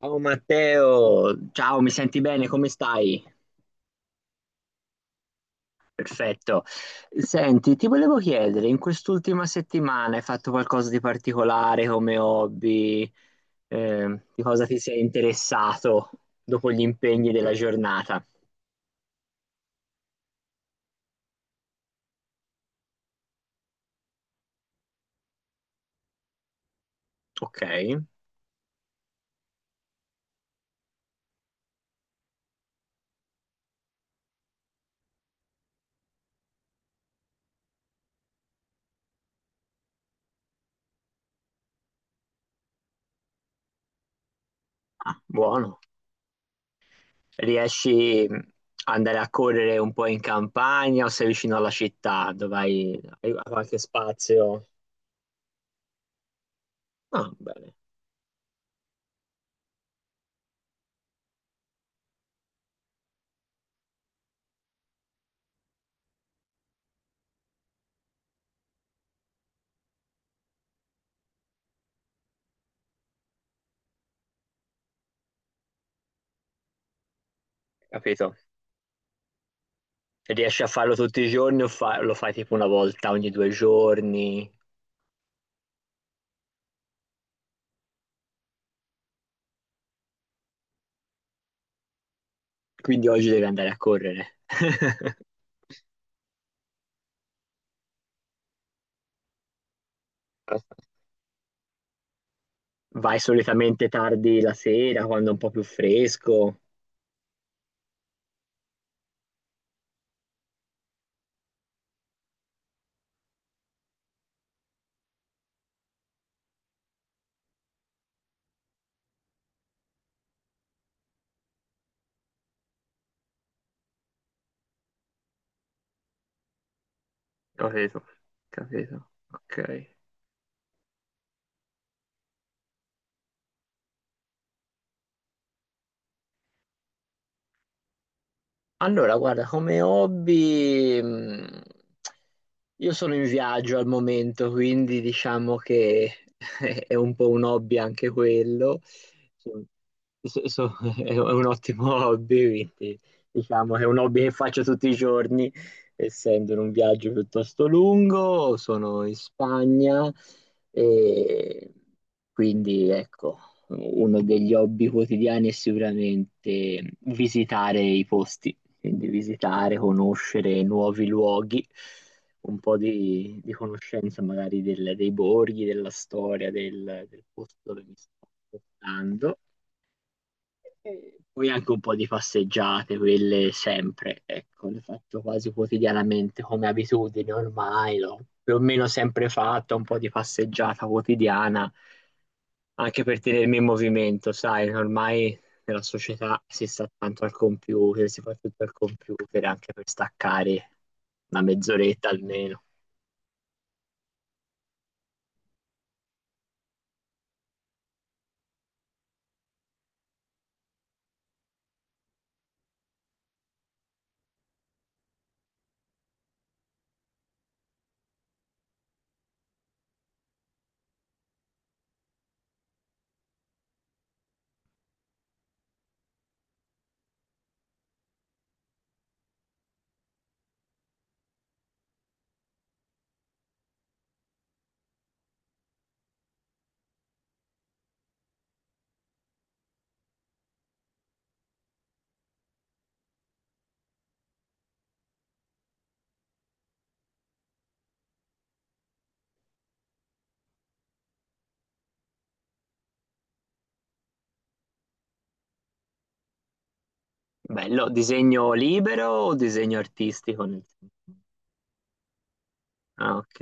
Ciao Matteo, ciao, mi senti bene? Come stai? Perfetto. Senti, ti volevo chiedere, in quest'ultima settimana hai fatto qualcosa di particolare come hobby? Di cosa ti sei interessato dopo gli impegni della giornata? Ok, ah, buono. Riesci ad andare a correre un po' in campagna o sei vicino alla città dove hai qualche spazio? Ah, bene, capito. Riesci a farlo tutti i giorni o lo fai tipo una volta ogni due giorni? Quindi oggi devi andare a correre. Vai solitamente tardi la sera, quando è un po' più fresco. Capito, capito. Ok. Allora, guarda, come hobby, io sono in viaggio al momento, quindi diciamo che è un po' un hobby anche quello. So- so- so- è un ottimo hobby, quindi diciamo che è un hobby che faccio tutti i giorni, essendo in un viaggio piuttosto lungo, sono in Spagna e quindi ecco, uno degli hobby quotidiani è sicuramente visitare i posti, quindi visitare, conoscere nuovi luoghi, un po' di conoscenza magari dei borghi, della storia, del posto dove mi sto spostando. E poi anche un po' di passeggiate, quelle sempre, ecco, le faccio quasi quotidianamente come abitudine ormai, l'ho più o meno sempre fatta, un po' di passeggiata quotidiana anche per tenermi in movimento, sai, ormai nella società si sta tanto al computer, si fa tutto al computer anche per staccare una mezz'oretta almeno. Bello, disegno libero o disegno artistico? Ah, ok.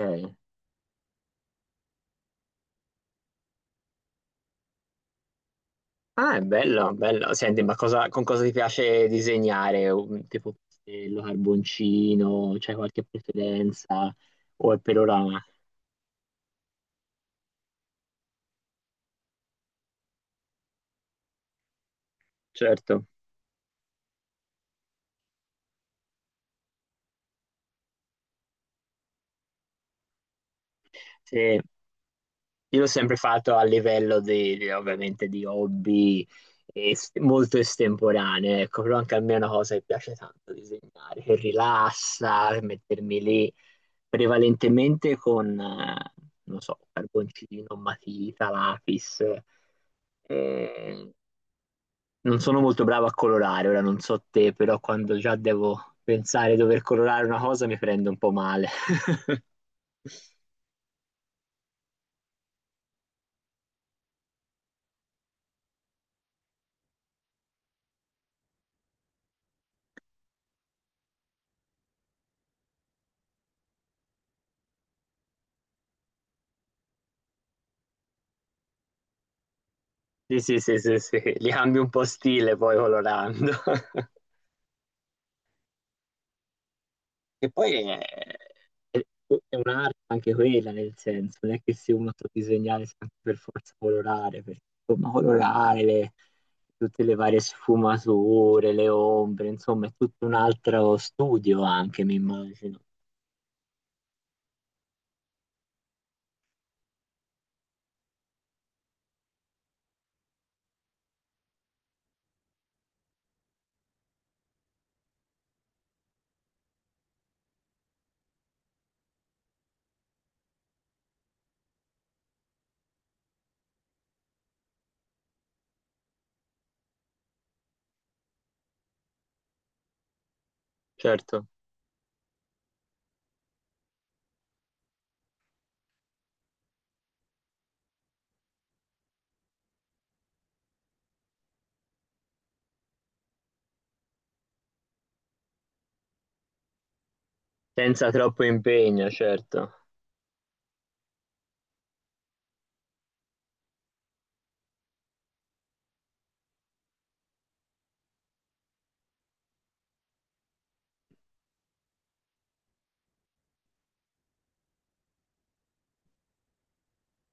Ah, è bello, bello. Senti, ma con cosa ti piace disegnare? Tipo pastello, carboncino, c'hai qualche preferenza? O è per ora? Certo. Sì. Io l'ho sempre fatto a livello di, ovviamente di hobby molto estemporaneo, ecco, però anche a me è una cosa che piace tanto disegnare, che rilassa, che mettermi lì prevalentemente con, non so, carboncino, matita, lapis. Eh, non sono molto bravo a colorare, ora non so te, però quando già devo pensare di dover colorare una cosa mi prendo un po' male. Sì, sì, sì, sì, sì, li cambio un po' stile poi colorando. Che poi è- è un'arte anche quella, nel senso, non è che se uno ti disegnare sia anche per forza colorare, perché insomma colorare tutte le varie sfumature, le ombre, insomma è tutto un altro studio anche, mi immagino. Certo, senza troppo impegno, certo.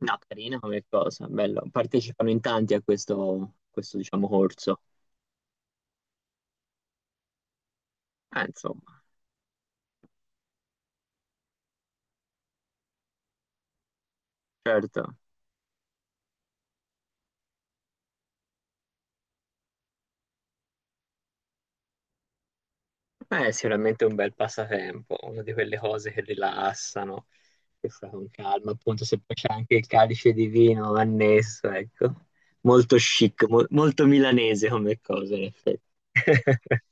No, carina come cosa, bello. Partecipano in tanti a questo, questo diciamo, corso. Insomma, certo. Beh, è sicuramente un bel passatempo, una di quelle cose che rilassano, che fa con calma, appunto se poi c'è anche il calice di vino annesso, ecco. Molto chic, molto milanese come cosa, in effetti.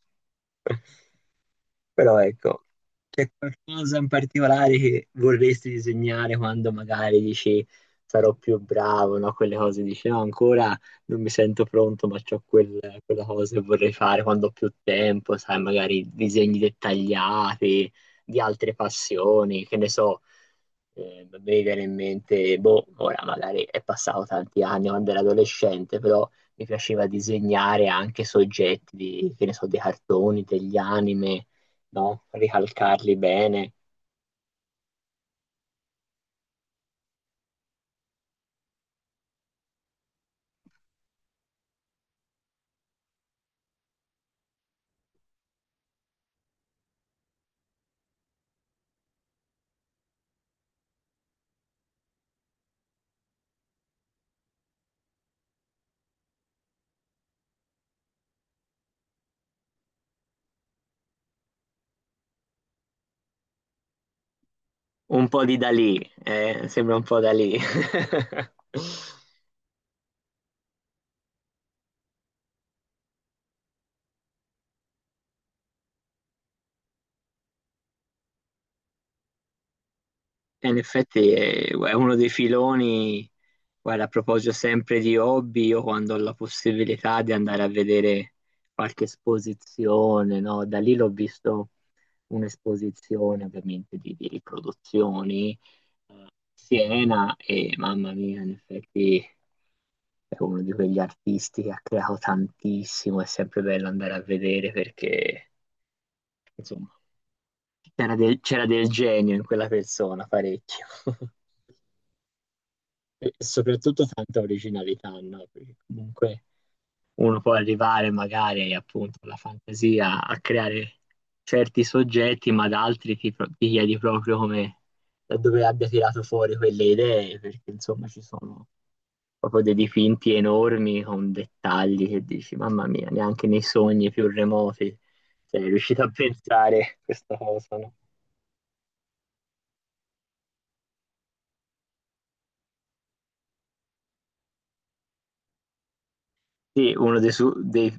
Però ecco, c'è qualcosa in particolare che vorresti disegnare quando magari dici sarò più bravo, no? Quelle cose dici no, ancora non mi sento pronto, ma c'ho quella cosa che vorrei fare quando ho più tempo, sai, magari disegni dettagliati di altre passioni, che ne so, mi viene in mente, boh, ora magari è passato tanti anni quando ero adolescente, però mi piaceva disegnare anche soggetti di, che ne so, dei cartoni, degli anime, no? Ricalcarli bene. Un po' di Dalì, sembra un po' Dalì. E in effetti è uno dei filoni, guarda, a proposito sempre di hobby, io quando ho la possibilità di andare a vedere qualche esposizione, no? Da lì l'ho visto un'esposizione ovviamente di riproduzioni, Siena e mamma mia, in effetti è uno di quegli artisti che ha creato tantissimo, è sempre bello andare a vedere perché insomma, c'era del genio in quella persona, parecchio. E soprattutto tanta originalità, no? Perché comunque uno può arrivare magari appunto alla fantasia a creare certi soggetti, ma da altri ti, ti chiedi proprio come da dove abbia tirato fuori quelle idee, perché insomma ci sono proprio dei dipinti enormi con dettagli che dici, mamma mia, neanche nei sogni più remoti sei riuscito a pensare questa cosa, no? Sì, uno dei, dei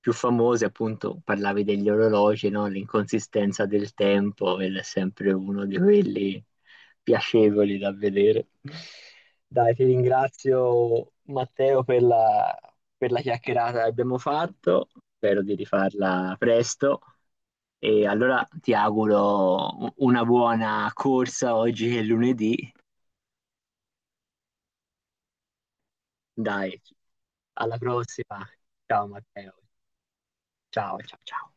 più famosi, appunto, parlavi degli orologi, no? L'inconsistenza del tempo, ed è sempre uno di quelli piacevoli da vedere. Dai, ti ringrazio Matteo per la chiacchierata che abbiamo fatto, spero di rifarla presto e allora ti auguro una buona corsa oggi che è lunedì. Dai, alla prossima. Ciao Matteo. Ciao, ciao, ciao.